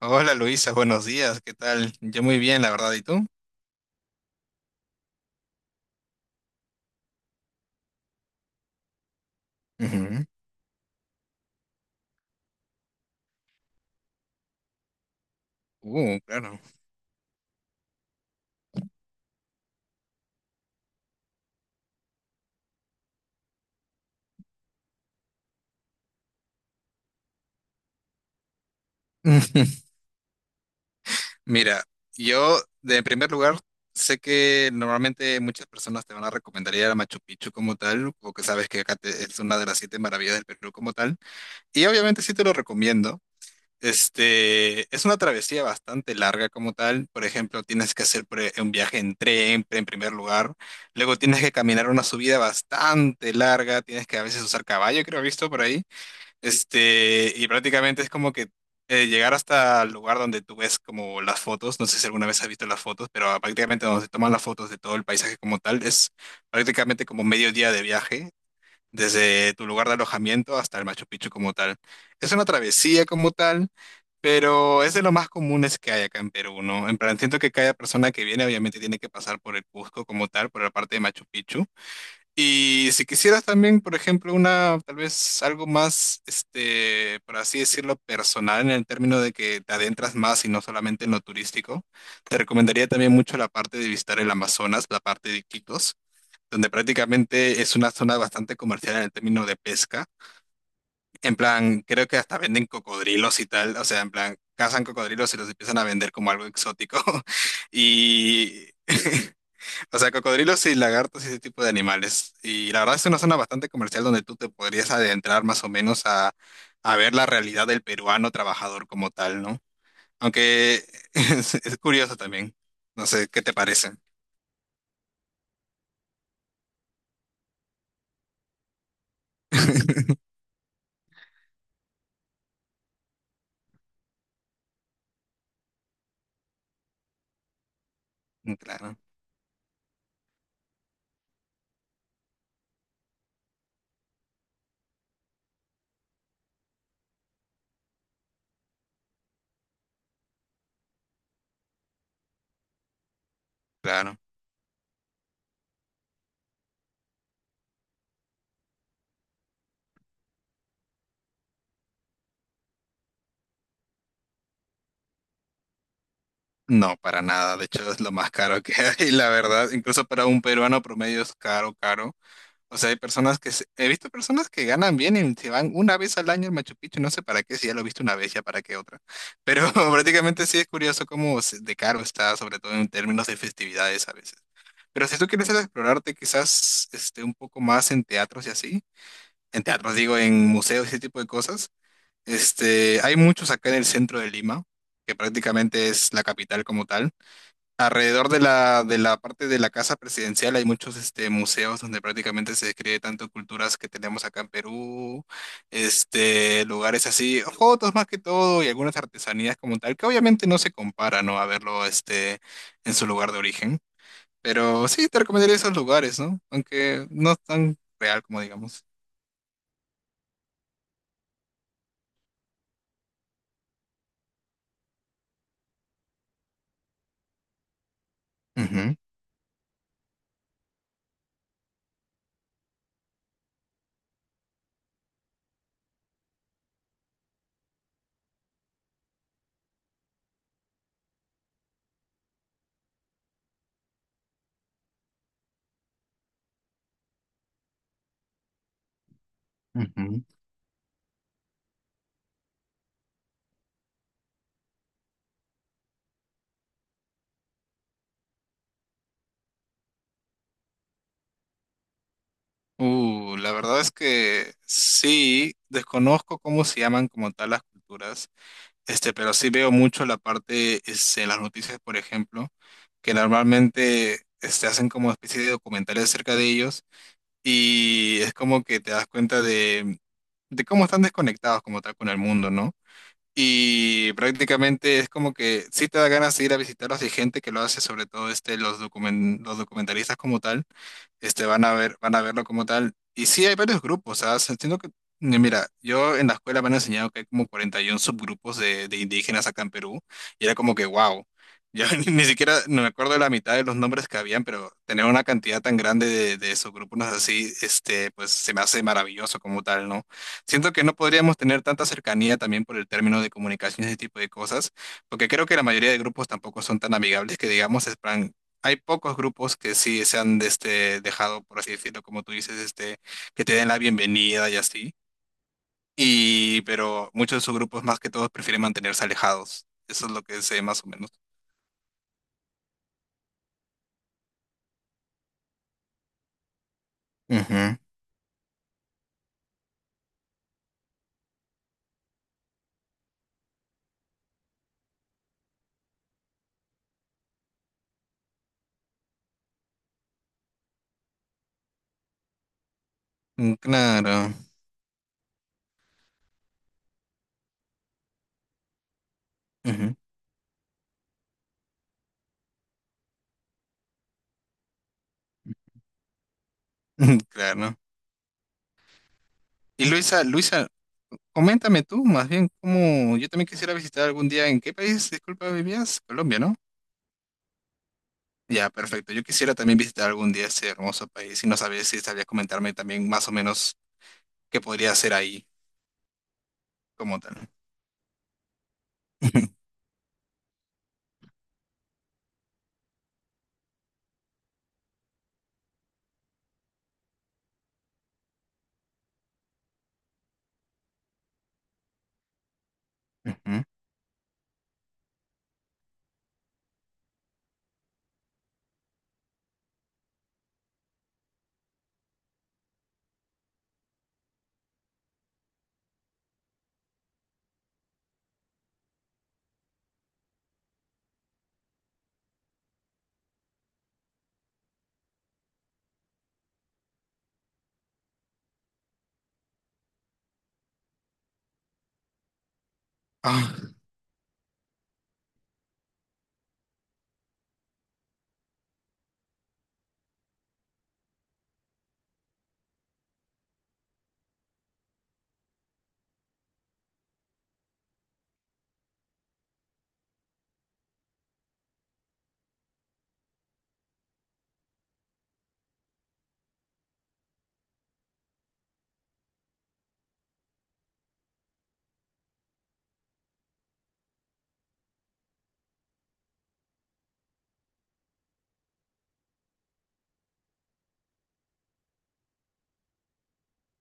Hola Luisa, buenos días, ¿qué tal? Yo muy bien, la verdad, ¿y tú? Ujú. Claro. Mira, yo de en primer lugar sé que normalmente muchas personas te van a recomendar ir a Machu Picchu como tal, o que sabes que acá es una de las siete maravillas del Perú como tal, y obviamente sí te lo recomiendo. Este, es una travesía bastante larga como tal, por ejemplo, tienes que hacer un viaje en tren en primer lugar, luego tienes que caminar una subida bastante larga, tienes que a veces usar caballo, creo, he visto por ahí. Este, y prácticamente es como que llegar hasta el lugar donde tú ves como las fotos, no sé si alguna vez has visto las fotos, pero ah, prácticamente donde se toman las fotos de todo el paisaje como tal, es prácticamente como medio día de viaje, desde tu lugar de alojamiento hasta el Machu Picchu como tal. Es una travesía como tal, pero es de lo más comunes que hay acá en Perú, ¿no? En plan, siento que cada persona que viene obviamente tiene que pasar por el Cusco como tal, por la parte de Machu Picchu. Y si quisieras también, por ejemplo, una, tal vez algo más, este, por así decirlo, personal en el término de que te adentras más y no solamente en lo turístico, te recomendaría también mucho la parte de visitar el Amazonas, la parte de Iquitos, donde prácticamente es una zona bastante comercial en el término de pesca. En plan, creo que hasta venden cocodrilos y tal, o sea, en plan, cazan cocodrilos y los empiezan a vender como algo exótico. Y O sea, cocodrilos y lagartos y ese tipo de animales. Y la verdad es una zona bastante comercial donde tú te podrías adentrar más o menos a ver la realidad del peruano trabajador como tal, ¿no? Aunque es curioso también. No sé, ¿qué te parece? Mm, claro, claro. No, para nada. De hecho, es lo más caro que hay, la verdad. Incluso para un peruano promedio es caro, caro. O sea, hay personas que, he visto personas que ganan bien y se van una vez al año al Machu Picchu, no sé para qué, si ya lo he visto una vez, ya para qué otra. Pero prácticamente sí es curioso cómo de caro está, sobre todo en términos de festividades a veces. Pero si tú quieres explorarte quizás este, un poco más en teatros y así, en teatros digo, en museos y ese tipo de cosas, este, hay muchos acá en el centro de Lima, que prácticamente es la capital como tal. Alrededor de la, parte de la casa presidencial hay muchos este, museos donde prácticamente se describe tanto culturas que tenemos acá en Perú, este, lugares así, fotos más que todo y algunas artesanías como tal, que obviamente no se compara, ¿no? A verlo este, en su lugar de origen. Pero sí, te recomendaría esos lugares, ¿no? Aunque no es tan real como digamos. Ujú. Ujú. La verdad es que sí, desconozco cómo se llaman como tal las culturas. Este, pero sí veo mucho la parte en las noticias, por ejemplo, que normalmente este, hacen como especie de documentales acerca de ellos y es como que te das cuenta de, cómo están desconectados como tal con el mundo, ¿no? Y prácticamente es como que sí te da ganas de ir a visitarlos y hay gente que lo hace, sobre todo este, los documentalistas como tal este, van a verlo como tal. Y sí, hay varios grupos, o sea, entiendo que, mira, yo en la escuela me han enseñado que hay como 41 subgrupos de, indígenas acá en Perú, y era como que, wow, yo ni siquiera no me acuerdo de la mitad de los nombres que habían, pero tener una cantidad tan grande de subgrupos así, este, pues se me hace maravilloso como tal, ¿no? Siento que no podríamos tener tanta cercanía también por el término de comunicación y ese tipo de cosas, porque creo que la mayoría de grupos tampoco son tan amigables que digamos, es plan, hay pocos grupos que sí se han de este, dejado, por así decirlo, como tú dices, este, que te den la bienvenida y así. Y, pero muchos de esos grupos, más que todos, prefieren mantenerse alejados. Eso es lo que sé más o menos. Ujú. Mm, claro. Ujú. Claro. Y Luisa, Luisa, coméntame tú más bien cómo yo también quisiera visitar algún día. ¿En qué país, disculpa, vivías? Colombia, ¿no? Ya, perfecto. Yo quisiera también visitar algún día ese hermoso país y no sabía si sabías comentarme también más o menos qué podría hacer ahí como tal. Ujú. Ah,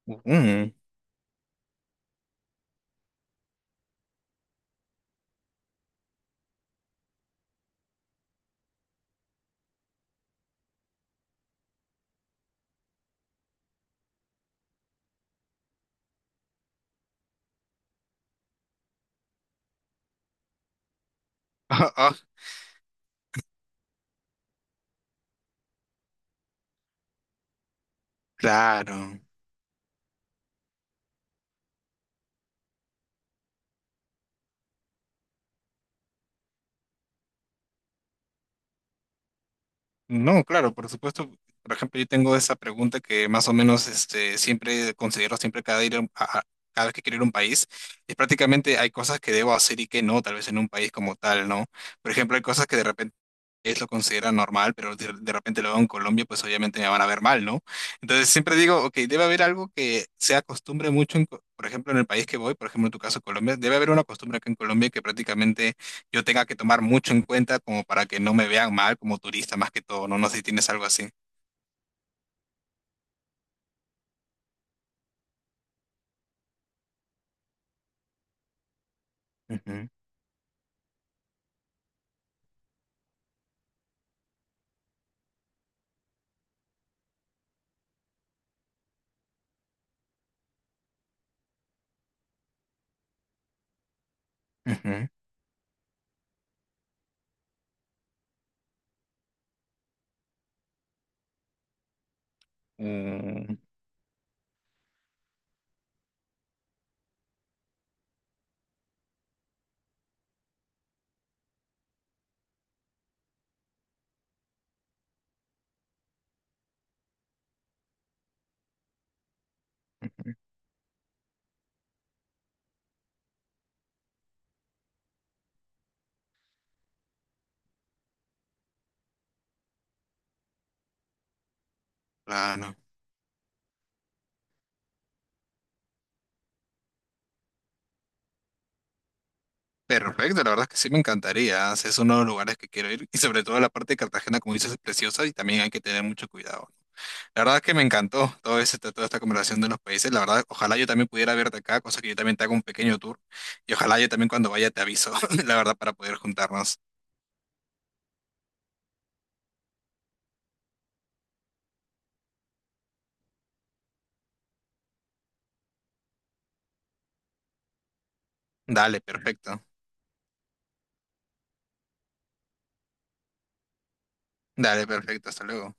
ujú. Ah, ah, claro. No, claro, por supuesto. Por ejemplo, yo tengo esa pregunta que más o menos este, siempre considero siempre cada, ir a, un- a- cada vez que quiero ir a un país. Y prácticamente hay cosas que debo hacer y que no, tal vez en un país como tal, ¿no? Por ejemplo, hay cosas que de repente lo considera normal, pero de, repente lo veo en Colombia, pues obviamente me van a ver mal, ¿no? Entonces siempre digo, ok, debe haber algo que se acostumbre mucho, por ejemplo, en el país que voy, por ejemplo, en tu caso, Colombia, debe haber una costumbre acá en Colombia que prácticamente yo tenga que tomar mucho en cuenta como para que no me vean mal como turista más que todo, ¿no? No sé si tienes algo así. Ujú, ujú. Mm, claro. Perfecto, la verdad es que sí me encantaría. ¿Eh? Si es uno de los lugares que quiero ir y sobre todo la parte de Cartagena, como dices, es preciosa y también hay que tener mucho cuidado. La verdad que me encantó todo toda esta conversación de los países. La verdad, ojalá yo también pudiera verte acá, cosa que yo también te haga un pequeño tour. Y ojalá yo también cuando vaya te aviso, la verdad, para poder juntarnos. Dale, perfecto. Dale, perfecto. Hasta luego.